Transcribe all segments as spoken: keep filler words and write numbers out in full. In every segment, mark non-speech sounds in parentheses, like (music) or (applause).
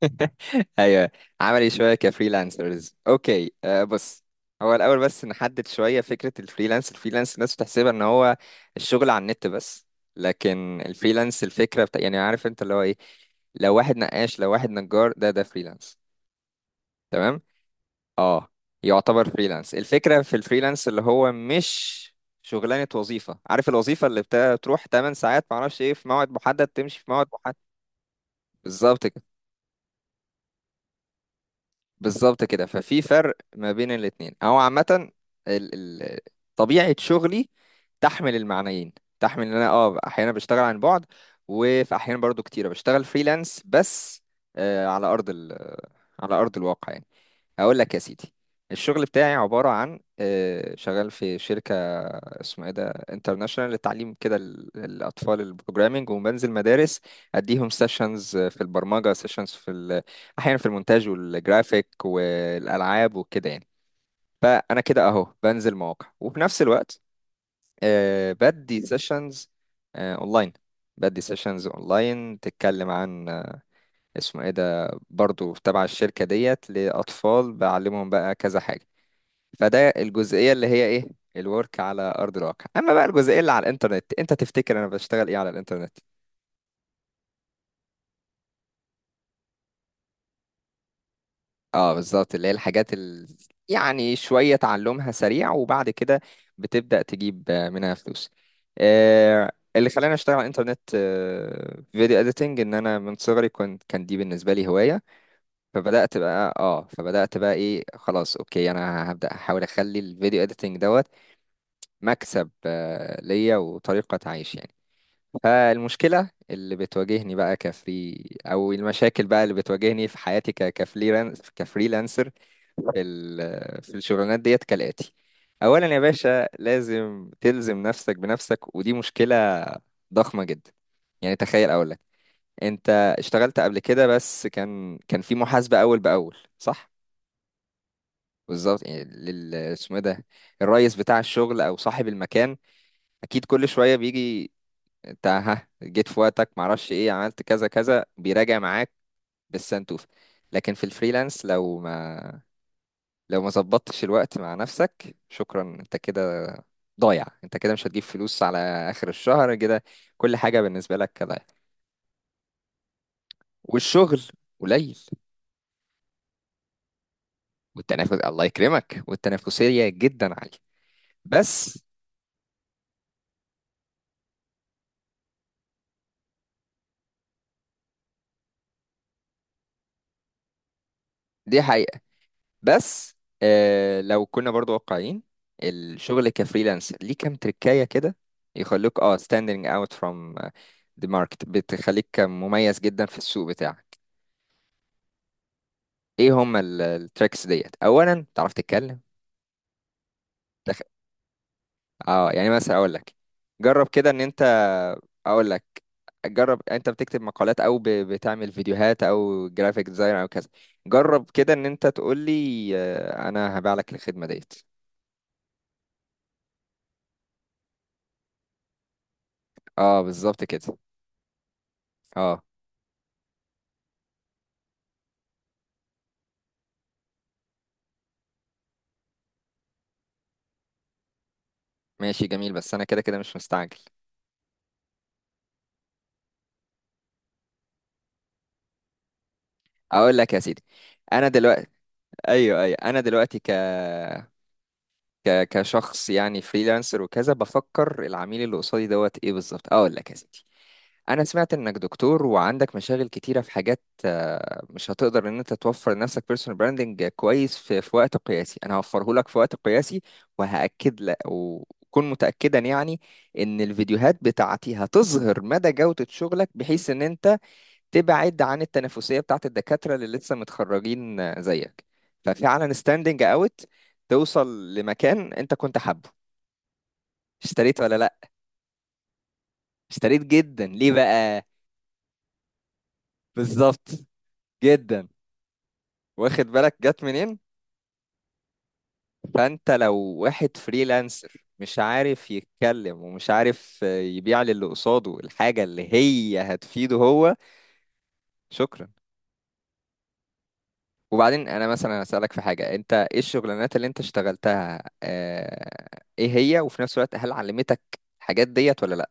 (laughs) ايوه. عملي شويه كفريلانسرز. اوكي، أه بص، هو الاول بس نحدد شويه فكره الفريلانس الفريلانس الناس بتحسبها ان هو الشغل على النت بس، لكن الفريلانس الفكره بتا... يعني عارف انت اللي هو ايه. لو واحد نقاش، لو واحد نجار، ده ده فريلانس. تمام، اه يعتبر فريلانس. الفكره في الفريلانس اللي هو مش شغلانه وظيفه، عارف الوظيفه اللي بتا- بتروح تمانية ساعات، معرفش ايه، في موعد محدد تمشي في موعد محدد. بالظبط كده، بالظبط كده، ففي فرق ما بين الاتنين او عامة. ال- ال- طبيعة شغلي تحمل المعنيين، تحمل ان انا اه احيانا بشتغل عن بعد، وفي احيانا برضو كتيرة بشتغل فريلانس بس. آه على ارض ال على ارض الواقع يعني. هقول لك يا سيدي، الشغل بتاعي عبارة عن آه، شغال في شركة اسمه ايه ده انترناشونال للتعليم كده، ال- الأطفال البروجرامينج، وبنزل مدارس أديهم سيشنز في البرمجة، سيشنز في ال- أحيانا في المونتاج والجرافيك والألعاب وكده يعني. فأنا كده أهو بنزل مواقع، وفي نفس الوقت آه، بدي سيشنز أونلاين، بدي سيشنز أونلاين تتكلم عن آه، اسمه ايه ده، برضو تبع الشركة ديت، لأطفال بعلمهم بقى كذا حاجة. فده الجزئية اللي هي ايه، الورك على أرض الواقع. أما بقى الجزئية اللي على الإنترنت، أنت تفتكر أنا بشتغل ايه على الإنترنت؟ اه بالظبط، اللي هي الحاجات ال... يعني شوية تعلمها سريع وبعد كده بتبدأ تجيب آه، منها فلوس. آه اللي خلاني أشتغل على الإنترنت، آه فيديو إديتنج، إن أنا من صغري كنت كان دي بالنسبة لي هواية. فبدأت بقى اه فبدأت بقى ايه، خلاص اوكي أنا هبدأ أحاول أخلي الفيديو إديتنج دوت مكسب آه ليا وطريقة عيش يعني. فالمشكلة اللي بتواجهني بقى كفري أو المشاكل بقى اللي بتواجهني في حياتي ك- كفريلان- كفريلانسر في ال- في الشغلانات ديت كالآتي: أولا يا باشا، لازم تلزم نفسك بنفسك، ودي مشكلة ضخمة جدا. يعني تخيل أقول لك، أنت اشتغلت قبل كده بس كان كان في محاسبة أول بأول، صح؟ بالظبط، يعني لل اسمه إيه ده، الرئيس بتاع الشغل أو صاحب المكان، أكيد كل شوية بيجي، انت ها جيت في وقتك، معرفش ايه، عملت كذا كذا، بيراجع معاك بالسنتوفة. لكن في الفريلانس لو ما لو ما ظبطتش الوقت مع نفسك، شكرا، انت كده ضايع، انت كده مش هتجيب فلوس على اخر الشهر كده، كل حاجة بالنسبة لك ضايع. والشغل قليل، والتنافس الله يكرمك، والتنافسية جدا عالية. بس دي حقيقة. بس آه لو كنا برضو واقعيين، الشغل كفريلانس ليه كام تركاية كده يخلوك اه standing out from آه، the market، بتخليك مميز جدا في السوق بتاعك. ايه هم التريكس ديت؟ اولا تعرف تتكلم تخ... اه يعني مثلا اقول لك، جرب كده ان انت، اقول لك، جرب انت بتكتب مقالات او ب... بتعمل فيديوهات او جرافيك ديزاين او كذا، جرب كده ان انت تقول لي آه، انا هبيع لك الخدمة ديت. اه بالظبط كده. اه ماشي جميل، بس انا كده كده مش مستعجل. اقول لك يا سيدي، انا دلوقتي، ايوه، ايوه، انا دلوقتي ك ك كشخص يعني فريلانسر وكذا، بفكر العميل اللي قصادي دوت ايه بالظبط. اقول لك يا سيدي، انا سمعت انك دكتور وعندك مشاغل كتيره في حاجات، آه، مش هتقدر ان انت توفر لنفسك بيرسونال براندنج كويس في في وقت قياسي، انا هوفره لك في وقت قياسي. وهاكد لك، وكن متاكدا يعني ان الفيديوهات بتاعتي هتظهر مدى جوده شغلك، بحيث ان انت تبعد عن التنافسية بتاعت الدكاترة اللي لسه متخرجين زيك، ففعلا ستاندنج اوت، توصل لمكان انت كنت حابه. اشتريت ولا لا؟ اشتريت جدا. ليه بقى؟ بالظبط. جدا. واخد بالك جت منين؟ فانت لو واحد فريلانسر مش عارف يتكلم، ومش عارف يبيع للي قصاده الحاجة اللي هي هتفيده هو، شكرا. وبعدين انا مثلا اسالك في حاجه، انت ايه الشغلانات اللي انت اشتغلتها، آه، ايه هي، وفي نفس الوقت هل علمتك الحاجات ديت ولا لا؟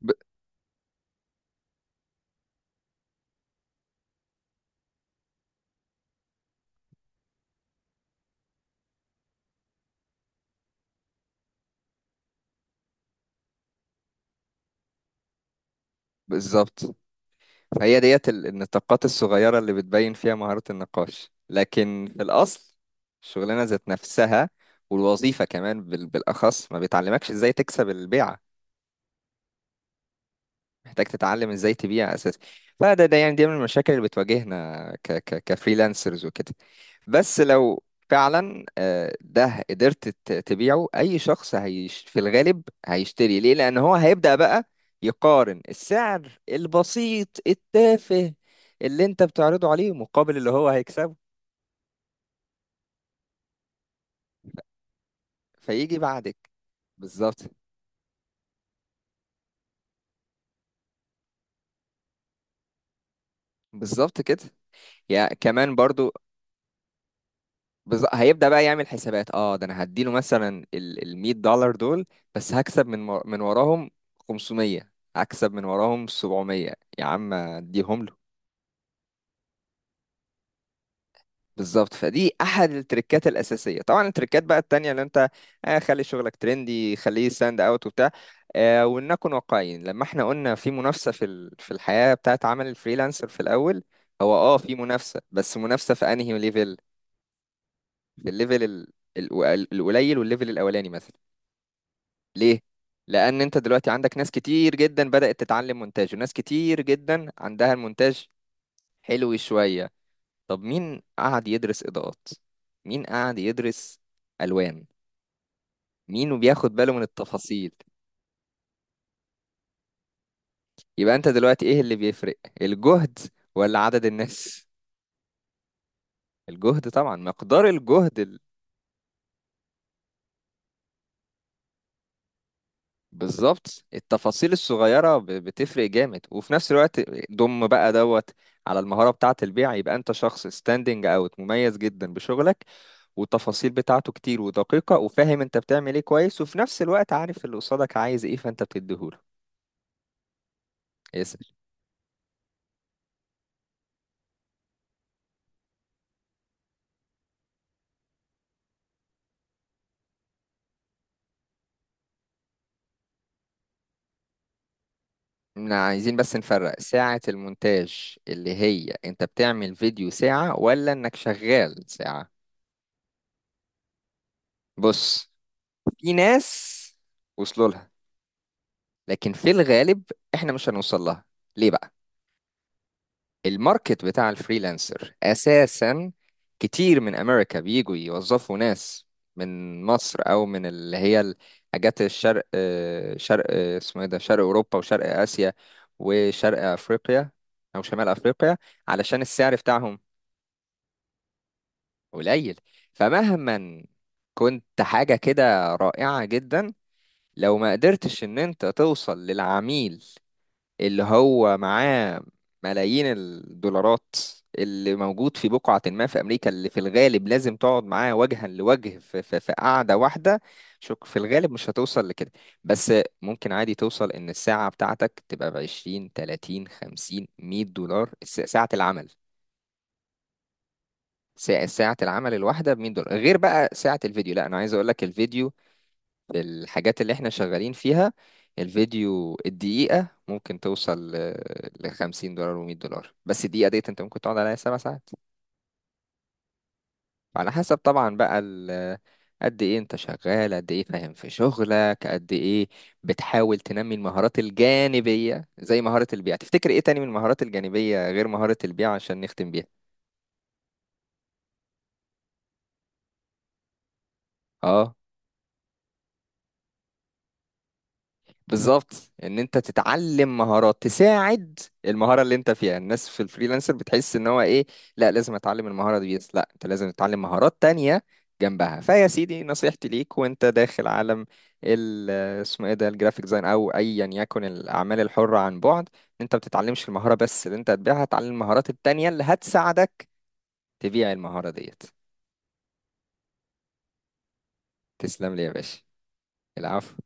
ب- بالظبط. فهي ديت ال- النطاقات الصغيره اللي بتبين فيها مهاره النقاش، لكن في الاصل الشغلانه ذات نفسها والوظيفه كمان بال- بالاخص ما بتعلمكش ازاي تكسب البيعه، محتاج تتعلم ازاي تبيع اساسا. فده ده يعني، دي من المشاكل اللي بتواجهنا ك ك كفريلانسرز وكده. بس لو فعلا آه، ده قدرت ت- تبيعه اي شخص هيش، في الغالب هيشتري ليه، لان هو هيبدأ بقى يقارن السعر البسيط التافه اللي انت بتعرضه عليه مقابل اللي هو هيكسبه. فيجي بعدك بالظبط. بالظبط كده. يعني كمان برضو بز... هيبدأ بقى يعمل حسابات، اه ده انا هديله مثلا ال ال مية دولار دول، بس هكسب من مر... من وراهم خمسمية، هكسب من وراهم سبعمية، يا عم اديهم له. بالظبط. فدي احد التريكات الاساسيه. طبعا التريكات بقى التانية اللي انت، آه خلي شغلك ترندي، خليه ستاند اوت وبتاع. آه ولنكن واقعيين، لما احنا قلنا في منافسه في ال... في الحياه بتاعت عمل الفريلانسر في الاول، هو اه في منافسه، بس منافسه في انهي ليفل؟ في الليفل ال... ال- القليل والليفل الاولاني مثلا. ليه؟ لأن أنت دلوقتي عندك ناس كتير جدا بدأت تتعلم مونتاج، وناس كتير جدا عندها المونتاج حلو شوية. طب مين قعد يدرس إضاءات؟ مين قعد يدرس ألوان؟ مين بياخد باله من التفاصيل؟ يبقى أنت دلوقتي إيه اللي بيفرق؟ الجهد ولا عدد الناس؟ الجهد طبعا، مقدار الجهد. بالظبط، التفاصيل الصغيرة ب- بتفرق جامد. وفي نفس الوقت ضم بقى دوت على المهارة بتاعة البيع، يبقى انت شخص ستاندنج اوت مميز جدا بشغلك، والتفاصيل بتاعته كتير ودقيقة، وفاهم انت بتعمل ايه كويس، وفي نفس الوقت عارف اللي قصادك عايز ايه فانت بتديهوله. يسأل، احنا عايزين بس نفرق ساعة المونتاج، اللي هي انت بتعمل فيديو ساعة ولا انك شغال ساعة؟ بص، في ناس وصلوا لها، لكن في الغالب احنا مش هنوصل لها. ليه بقى؟ الماركت بتاع الفريلانسر اساسا كتير من امريكا بيجوا يوظفوا ناس من مصر او من اللي هي حاجات الشرق، آه، شرق، آه، اسمه ايه ده، شرق اوروبا وشرق اسيا وشرق افريقيا او شمال افريقيا، علشان السعر بتاعهم قليل. فمهما كنت حاجة كده رائعة جدا، لو ما قدرتش ان انت توصل للعميل اللي هو معاه ملايين الدولارات اللي موجود في بقعة ما في أمريكا، اللي في الغالب لازم تقعد معاه وجها لوجه في, في, في, قعدة واحدة، شك في الغالب مش هتوصل لكده. بس ممكن عادي توصل إن الساعة بتاعتك تبقى بعشرين تلاتين خمسين مية دولار، الس- ساعة العمل. ساعة ساعة العمل الواحدة بمية دولار، غير بقى ساعة الفيديو. لا أنا عايز أقول لك الفيديو، الحاجات اللي احنا شغالين فيها، الفيديو الدقيقة ممكن توصل ل خمسين دولار و100 دولار، بس الدقيقة ديت انت ممكن تقعد عليها سبع ساعات. على حسب طبعا بقى ال- قد ايه انت شغال، قد ايه فاهم في شغلك، قد ايه بتحاول تنمي المهارات الجانبية زي مهارة البيع. تفتكر ايه تاني من المهارات الجانبية غير مهارة البيع، عشان نختم بيها؟ اه بالظبط، ان انت تتعلم مهارات تساعد المهاره اللي انت فيها. الناس في الفريلانسر بتحس ان هو ايه، لا لازم اتعلم المهاره دي بس، لا انت لازم تتعلم مهارات تانية جنبها. فيا سيدي، نصيحتي ليك وانت داخل عالم ال اسمه ايه ده الجرافيك ديزاين، او ايا يكن الاعمال الحره عن بعد، إن انت ما بتتعلمش المهاره بس اللي انت هتبيعها، تتعلم المهارات التانية اللي هتساعدك تبيع المهاره ديت. تسلم لي يا باشا. العفو.